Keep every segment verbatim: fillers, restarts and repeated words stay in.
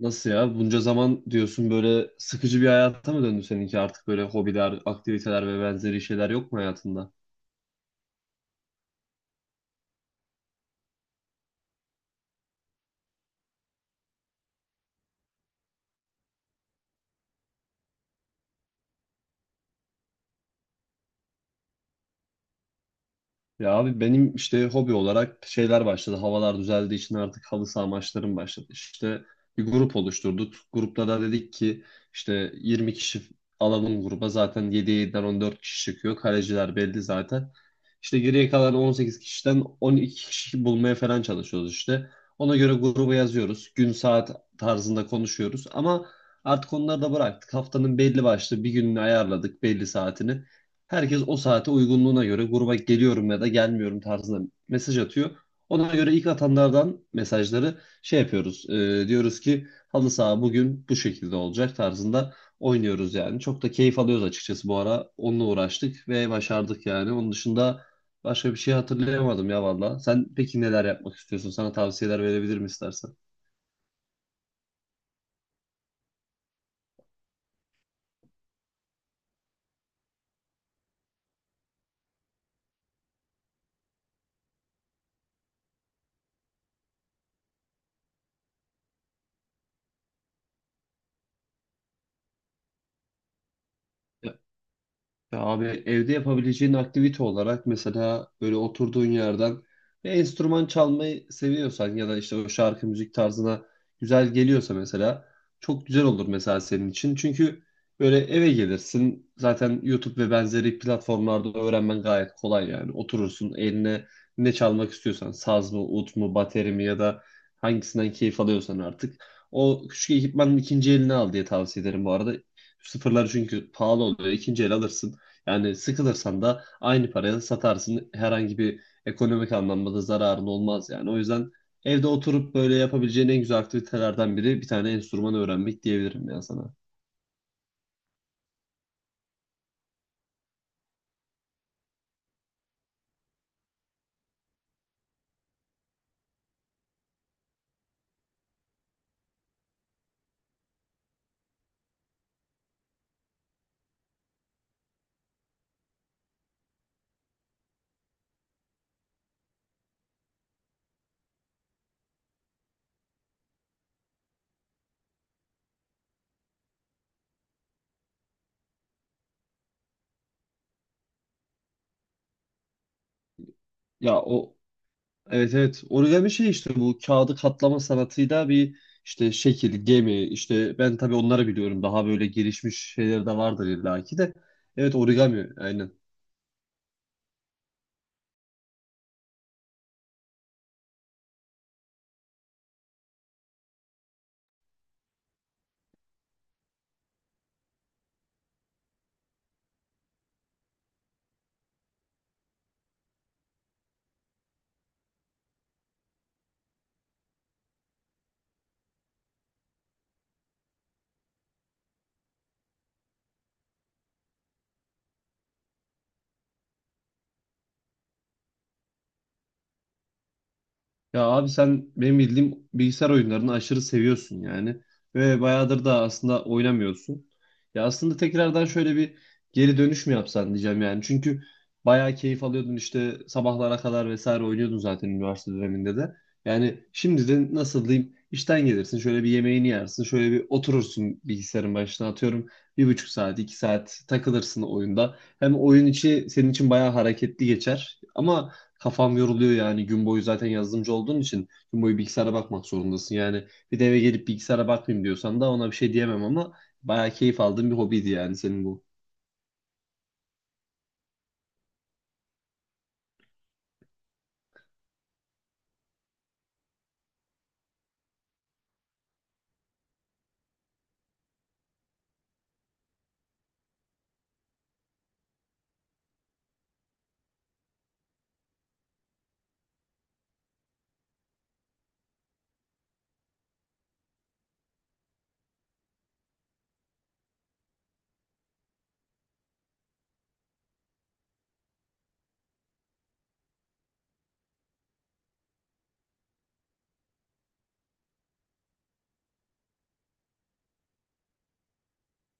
Nasıl ya? Bunca zaman diyorsun böyle sıkıcı bir hayata mı döndü seninki? Artık böyle hobiler, aktiviteler ve benzeri şeyler yok mu hayatında? Ya abi benim işte hobi olarak şeyler başladı. Havalar düzeldiği için artık halı saha maçlarım başladı. İşte bir grup oluşturduk. Grupta da dedik ki işte yirmi kişi alalım gruba. Zaten yediye yediden on dört kişi çıkıyor. Kaleciler belli zaten. İşte geriye kalan on sekiz kişiden on iki kişi bulmaya falan çalışıyoruz işte. Ona göre gruba yazıyoruz. Gün saat tarzında konuşuyoruz. Ama artık onları da bıraktık. Haftanın belli başlı bir gününü ayarladık, belli saatini. Herkes o saate uygunluğuna göre gruba geliyorum ya da gelmiyorum tarzında mesaj atıyor. Ona göre ilk atanlardan mesajları şey yapıyoruz. E, diyoruz ki halı saha bugün bu şekilde olacak tarzında oynuyoruz yani. Çok da keyif alıyoruz açıkçası bu ara. Onunla uğraştık ve başardık yani. Onun dışında başka bir şey hatırlayamadım ya valla. Sen peki neler yapmak istiyorsun? Sana tavsiyeler verebilirim istersen. Ya abi evde yapabileceğin aktivite olarak mesela böyle oturduğun yerden bir enstrüman çalmayı seviyorsan ya da işte o şarkı müzik tarzına güzel geliyorsa mesela çok güzel olur mesela senin için. Çünkü böyle eve gelirsin zaten, YouTube ve benzeri platformlarda öğrenmen gayet kolay yani. Oturursun, eline ne çalmak istiyorsan saz mı, ut mu, bateri mi, ya da hangisinden keyif alıyorsan artık. O küçük ekipmanın ikinci elini al diye tavsiye ederim bu arada. Sıfırları çünkü pahalı oluyor. İkinci el alırsın. Yani sıkılırsan da aynı paraya satarsın. Herhangi bir ekonomik anlamda da zararın olmaz yani. O yüzden evde oturup böyle yapabileceğin en güzel aktivitelerden biri bir tane enstrüman öğrenmek diyebilirim ya sana. Ya o, evet evet, origami şey işte, bu kağıdı katlama sanatıyla bir işte şekil, gemi, işte ben tabii onları biliyorum. Daha böyle gelişmiş şeyleri de vardır illaki de. Evet, origami aynen. Ya abi sen benim bildiğim bilgisayar oyunlarını aşırı seviyorsun yani. Ve bayağıdır da aslında oynamıyorsun. Ya aslında tekrardan şöyle bir geri dönüş mü yapsan diyeceğim yani. Çünkü bayağı keyif alıyordun işte, sabahlara kadar vesaire oynuyordun zaten üniversite döneminde de. Yani şimdi de nasıl diyeyim, işten gelirsin, şöyle bir yemeğini yersin, şöyle bir oturursun bilgisayarın başına, atıyorum bir buçuk saat iki saat takılırsın oyunda. Hem oyun içi senin için bayağı hareketli geçer ama kafam yoruluyor yani gün boyu, zaten yazılımcı olduğun için gün boyu bilgisayara bakmak zorundasın. Yani bir de eve gelip bilgisayara bakmayayım diyorsan da ona bir şey diyemem ama bayağı keyif aldığım bir hobiydi yani senin bu.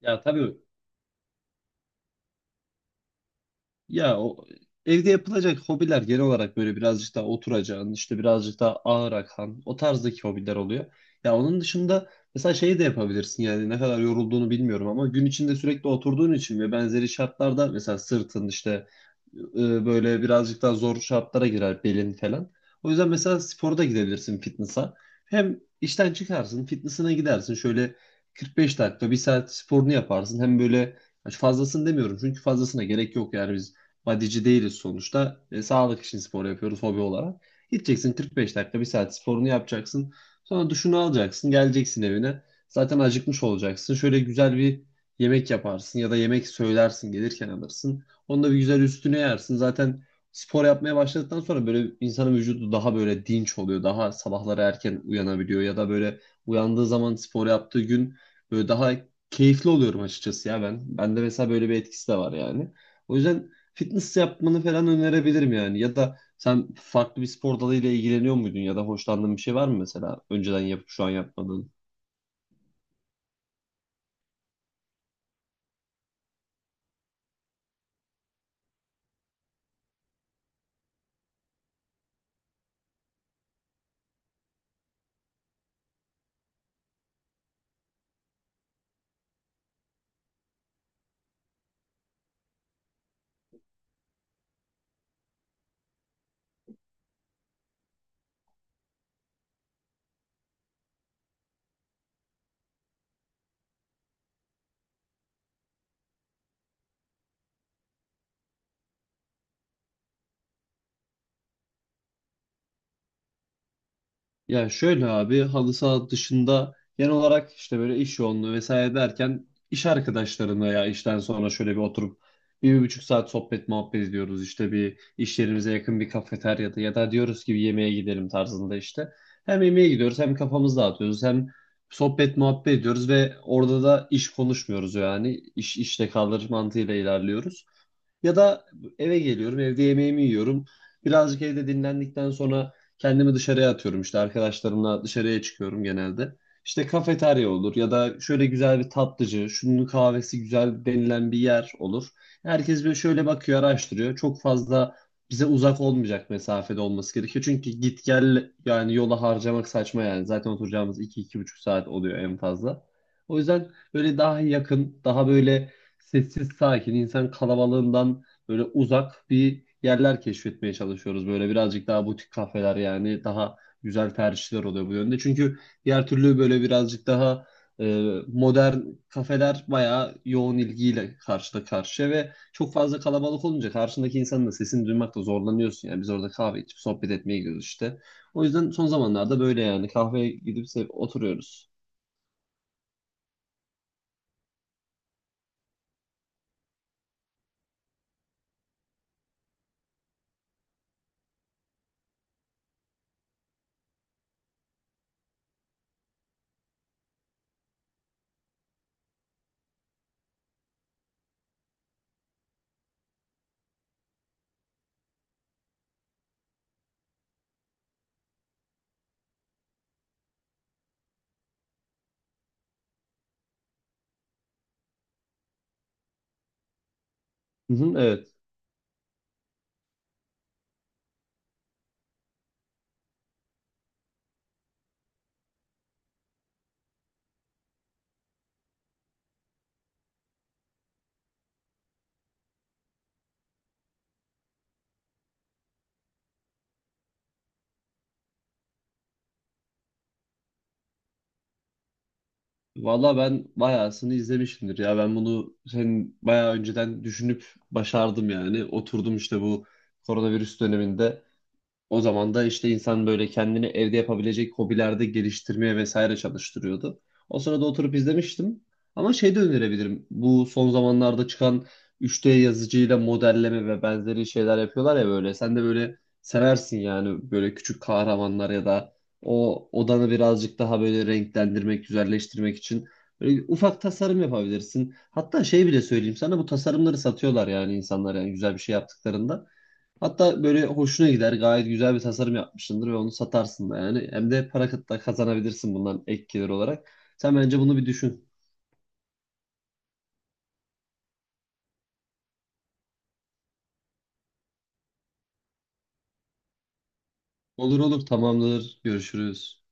Ya tabii. Ya o, evde yapılacak hobiler genel olarak böyle birazcık daha oturacağın, işte birazcık daha ağır akan o tarzdaki hobiler oluyor. Ya onun dışında mesela şeyi de yapabilirsin yani, ne kadar yorulduğunu bilmiyorum ama gün içinde sürekli oturduğun için ve benzeri şartlarda mesela sırtın işte e, böyle birazcık daha zor şartlara girer, belin falan. O yüzden mesela spora da gidebilirsin, fitness'a. Hem işten çıkarsın, fitness'ına gidersin. Şöyle kırk beş dakika, bir saat sporunu yaparsın. Hem böyle, hani fazlasını demiyorum çünkü fazlasına gerek yok yani, biz badici değiliz sonuçta. E, sağlık için spor yapıyoruz hobi olarak. Gideceksin, kırk beş dakika, bir saat sporunu yapacaksın. Sonra duşunu alacaksın, geleceksin evine. Zaten acıkmış olacaksın. Şöyle güzel bir yemek yaparsın ya da yemek söylersin, gelirken alırsın. Onu da bir güzel üstüne yersin. Zaten spor yapmaya başladıktan sonra böyle insanın vücudu daha böyle dinç oluyor. Daha sabahları erken uyanabiliyor, ya da böyle uyandığı zaman, spor yaptığı gün böyle daha keyifli oluyorum açıkçası ya ben. Bende mesela böyle bir etkisi de var yani. O yüzden fitness yapmanı falan önerebilirim yani. Ya da sen farklı bir spor dalıyla ilgileniyor muydun ya da hoşlandığın bir şey var mı mesela, önceden yapıp şu an yapmadığın? Ya şöyle abi, halı saha dışında genel olarak işte böyle iş yoğunluğu vesaire derken iş arkadaşlarımla ya işten sonra şöyle bir oturup bir, bir buçuk saat sohbet muhabbet ediyoruz. İşte bir iş yerimize yakın bir kafeteryada, ya da diyoruz ki bir yemeğe gidelim tarzında işte. Hem yemeğe gidiyoruz, hem kafamızı dağıtıyoruz, hem sohbet muhabbet ediyoruz ve orada da iş konuşmuyoruz yani, iş işte kalır mantığıyla ilerliyoruz. Ya da eve geliyorum, evde yemeğimi yiyorum. Birazcık evde dinlendikten sonra kendimi dışarıya atıyorum. İşte arkadaşlarımla dışarıya çıkıyorum genelde. İşte kafeterya olur ya da şöyle güzel bir tatlıcı, şunun kahvesi güzel denilen bir yer olur. Herkes böyle şöyle bakıyor, araştırıyor. Çok fazla bize uzak olmayacak mesafede olması gerekiyor. Çünkü git gel yani, yola harcamak saçma yani. Zaten oturacağımız iki iki buçuk saat oluyor en fazla. O yüzden böyle daha yakın, daha böyle sessiz sakin, insan kalabalığından böyle uzak bir yerler keşfetmeye çalışıyoruz. Böyle birazcık daha butik kafeler yani, daha güzel tercihler oluyor bu yönde. Çünkü diğer türlü böyle birazcık daha e, modern kafeler bayağı yoğun ilgiyle karşıda karşıya ve çok fazla kalabalık olunca karşındaki insanın da sesini duymakta zorlanıyorsun. Yani biz orada kahve içip sohbet etmeye gidiyoruz işte. O yüzden son zamanlarda böyle yani kahveye gidip se- oturuyoruz. Hı hı, evet. Valla ben bayağısını izlemişimdir ya. Ben bunu senin bayağı önceden düşünüp başardım yani. Oturdum işte bu koronavirüs döneminde. O zaman da işte insan böyle kendini evde yapabilecek hobilerde geliştirmeye vesaire çalıştırıyordu. O sırada oturup izlemiştim. Ama şey de önerebilirim. Bu son zamanlarda çıkan üç D yazıcıyla modelleme ve benzeri şeyler yapıyorlar ya böyle. Sen de böyle seversin yani, böyle küçük kahramanlar ya da o odanı birazcık daha böyle renklendirmek, güzelleştirmek için böyle ufak tasarım yapabilirsin. Hatta şey bile söyleyeyim sana, bu tasarımları satıyorlar yani insanlar, yani güzel bir şey yaptıklarında. Hatta böyle hoşuna gider. Gayet güzel bir tasarım yapmışsındır ve onu satarsın da yani. Hem de para kıt- da kazanabilirsin bundan, ek gelir olarak. Sen bence bunu bir düşün. Olur olur, tamamdır. Görüşürüz.